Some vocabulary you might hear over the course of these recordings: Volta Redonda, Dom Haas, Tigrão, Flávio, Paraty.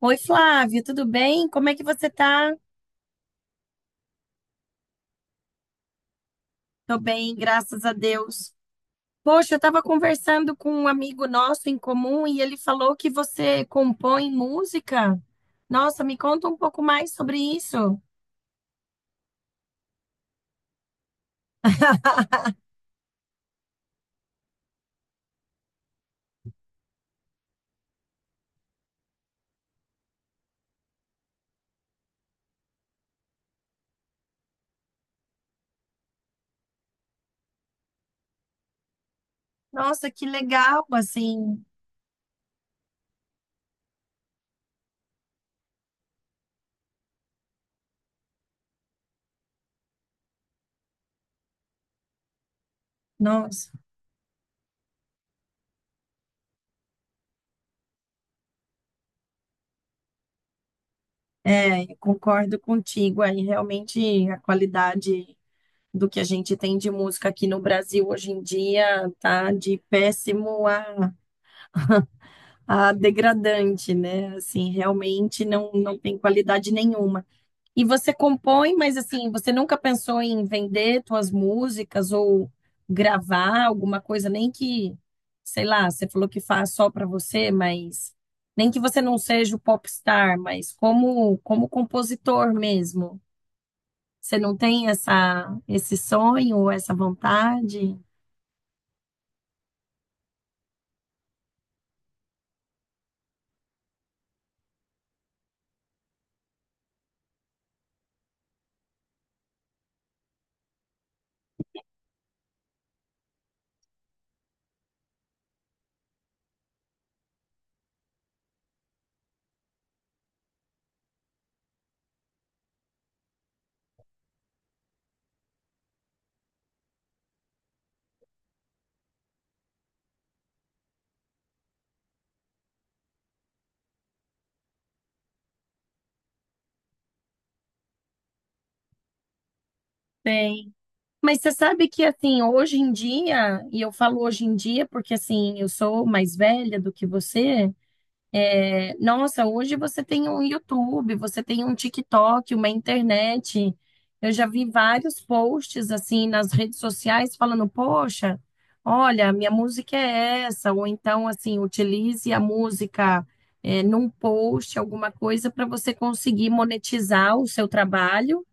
Oi, Flávio, tudo bem? Como é que você tá? Tô bem, graças a Deus. Poxa, eu tava conversando com um amigo nosso em comum e ele falou que você compõe música. Nossa, me conta um pouco mais sobre isso. Nossa, que legal, assim. Nossa, é, eu concordo contigo aí. Realmente a qualidade do que a gente tem de música aqui no Brasil hoje em dia tá de péssimo a degradante, né? Assim, realmente não, não tem qualidade nenhuma. E você compõe, mas assim, você nunca pensou em vender suas músicas ou gravar alguma coisa, nem que, sei lá, você falou que faz só para você, mas nem que você não seja o popstar, mas como compositor mesmo. Você não tem essa esse sonho ou essa vontade? Mas você sabe que, assim, hoje em dia, e eu falo hoje em dia porque, assim, eu sou mais velha do que você, é, nossa, hoje você tem um YouTube, você tem um TikTok, uma internet. Eu já vi vários posts, assim, nas redes sociais falando, poxa, olha, minha música é essa, ou então, assim, utilize a música, é, num post, alguma coisa, para você conseguir monetizar o seu trabalho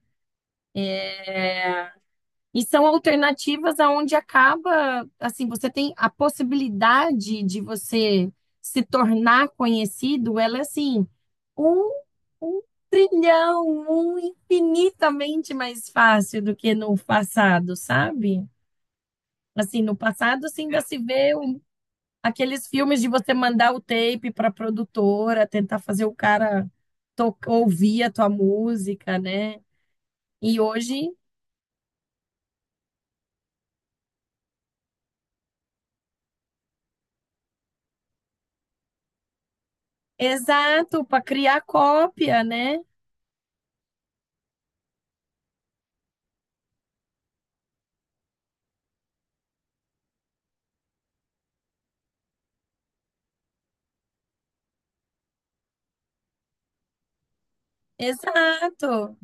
e são alternativas aonde acaba, assim, você tem a possibilidade de você se tornar conhecido, ela é assim, um, um trilhão, um infinitamente mais fácil do que no passado, sabe? Assim, no passado, assim, ainda se vê um- aqueles filmes de você mandar o tape para produtora, tentar fazer o cara ouvir a tua música, né? E hoje, exato, para criar cópia, né? Exato.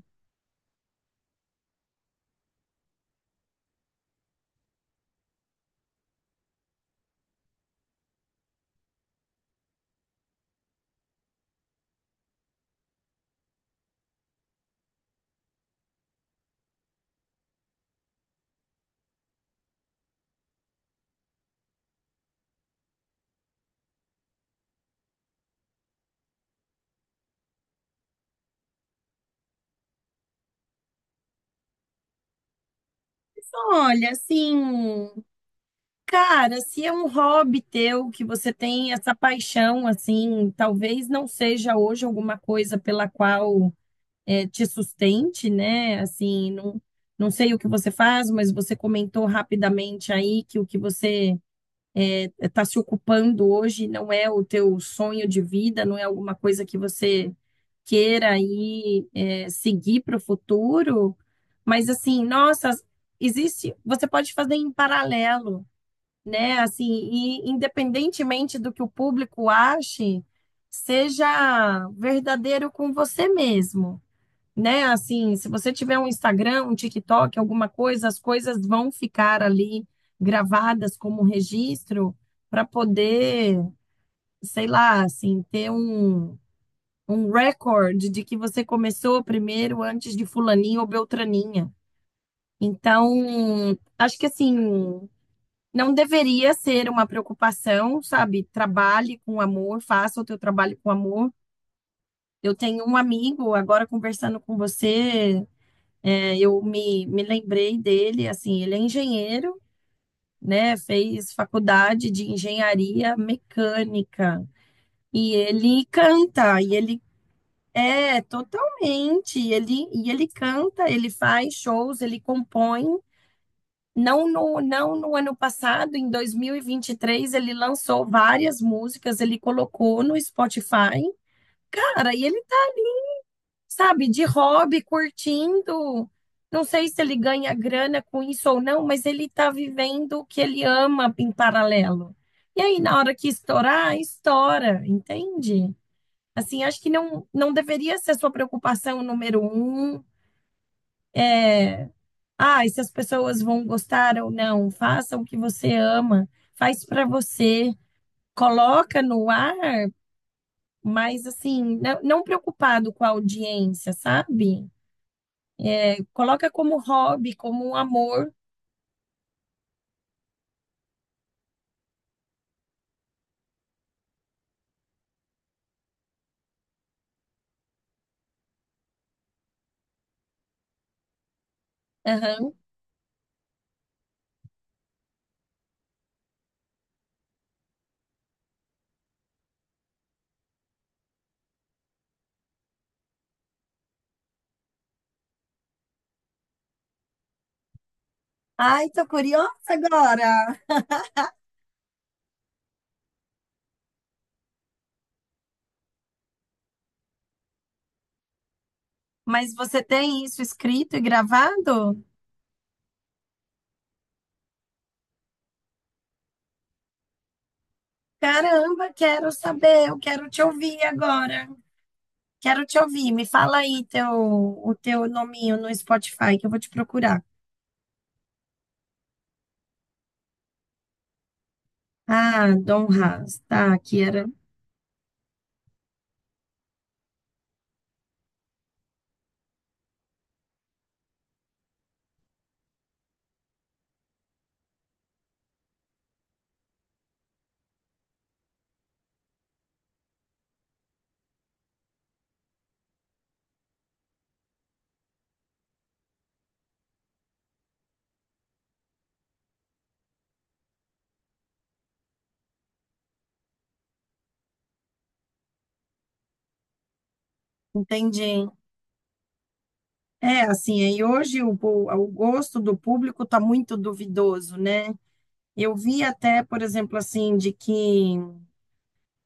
Olha, assim, cara, se é um hobby teu que você tem essa paixão, assim, talvez não seja hoje alguma coisa pela qual te sustente, né? Assim, não sei o que você faz, mas você comentou rapidamente aí que o que você está se ocupando hoje não é o teu sonho de vida, não é alguma coisa que você queira seguir para o futuro, mas assim, nossa, existe, você pode fazer em paralelo, né? Assim, e independentemente do que o público ache, seja verdadeiro com você mesmo, né? Assim, se você tiver um Instagram, um TikTok, alguma coisa, as coisas vão ficar ali gravadas como registro para poder, sei lá, assim, um recorde de que você começou primeiro antes de fulaninha ou beltraninha. Então, acho que assim, não deveria ser uma preocupação, sabe? Trabalhe com amor, faça o teu trabalho com amor. Eu tenho um amigo agora conversando com você. É, me lembrei dele, assim, ele é engenheiro, né? Fez faculdade de engenharia mecânica e ele canta, e ele canta, ele faz shows, ele compõe. Não no, não no ano passado, em 2023, ele lançou várias músicas, ele colocou no Spotify. Cara, e ele sabe, de hobby, curtindo. Não sei se ele ganha grana com isso ou não, mas ele está vivendo o que ele ama em paralelo. E aí, na hora que estourar, estoura, entende? Assim, acho que não deveria ser a sua preocupação número um. Ah, e se as pessoas vão gostar ou não, faça o que você ama, faz para você, coloca no ar, mas assim, não preocupado com a audiência, sabe? Coloca como hobby, como um amor. Aham. Ai, tô curiosa agora. Mas você tem isso escrito e gravado? Caramba, quero saber, eu quero te ouvir agora. Quero te ouvir. Me fala aí o teu nominho no Spotify que eu vou te procurar. Ah, Dom Haas, tá, que era. Entendi. É, assim, aí hoje o gosto do público tá muito duvidoso, né? Eu vi até, por exemplo, assim, de que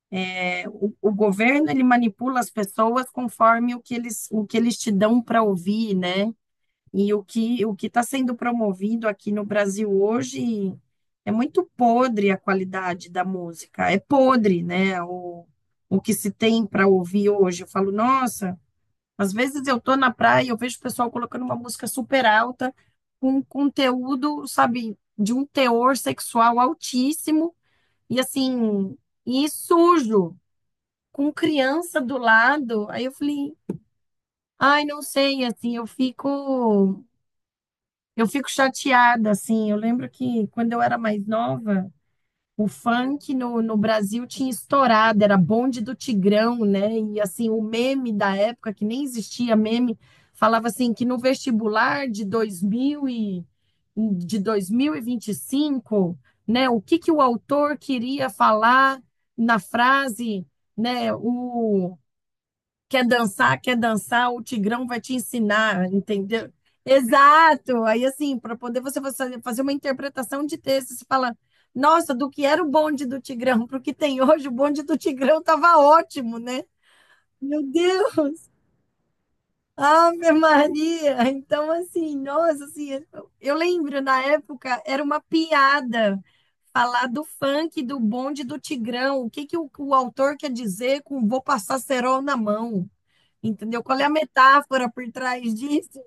é, o governo ele manipula as pessoas conforme o que eles te dão para ouvir, né? E o que está sendo promovido aqui no Brasil hoje é muito podre a qualidade da música, é podre, né? O que se tem para ouvir hoje. Eu falo, nossa, às vezes eu tô na praia e eu vejo o pessoal colocando uma música super alta com um conteúdo, sabe, de um teor sexual altíssimo e assim, e sujo com criança do lado. Aí eu falei, ai, não sei, assim, eu fico chateada, assim. Eu lembro que quando eu era mais nova, o funk no Brasil tinha estourado, era bonde do Tigrão, né? E assim, o meme da época, que nem existia meme, falava assim que no vestibular de 2000 e, de dois mil e vinte e cinco, né? O que que o autor queria falar na frase, né? O quer dançar, quer dançar, o Tigrão vai te ensinar, entendeu? Exato. Aí, assim, para poder você fazer uma interpretação de texto, você fala, nossa, do que era o bonde do Tigrão para o que tem hoje, o bonde do Tigrão estava ótimo, né? Meu Deus, Ave Maria! Então, assim, nossa, assim, eu lembro na época era uma piada falar do funk, do bonde do Tigrão. O que que o autor quer dizer com vou passar cerol na mão? Entendeu? Qual é a metáfora por trás disso?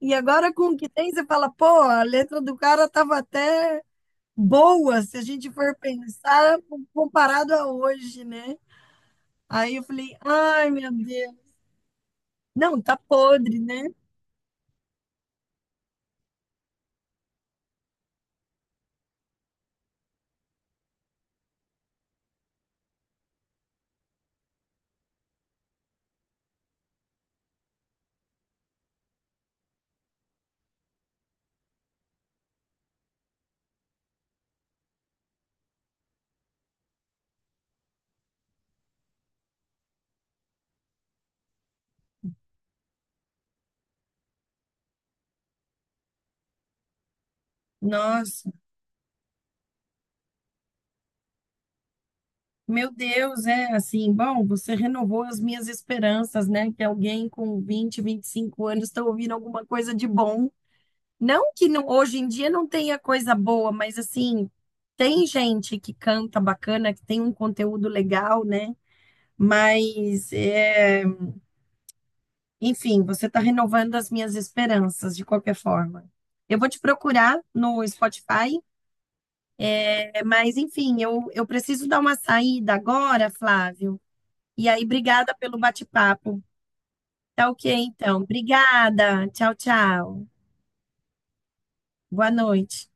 E agora com o que tem, você fala, pô, a letra do cara tava até boa, se a gente for pensar comparado a hoje, né? Aí eu falei, ai, meu Deus. Não, tá podre, né? Nossa, meu Deus, é assim, bom, você renovou as minhas esperanças, né? Que alguém com 25 anos está ouvindo alguma coisa de bom. Não que não- hoje em dia não tenha coisa boa, mas assim, tem gente que canta bacana, que tem um conteúdo legal, né? Mas, é, enfim, você está renovando as minhas esperanças, de qualquer forma. Eu vou te procurar no Spotify, é, mas, enfim, eu preciso dar uma saída agora, Flávio. E aí, obrigada pelo bate-papo. Tá, ok, então. Obrigada. Tchau, tchau. Boa noite.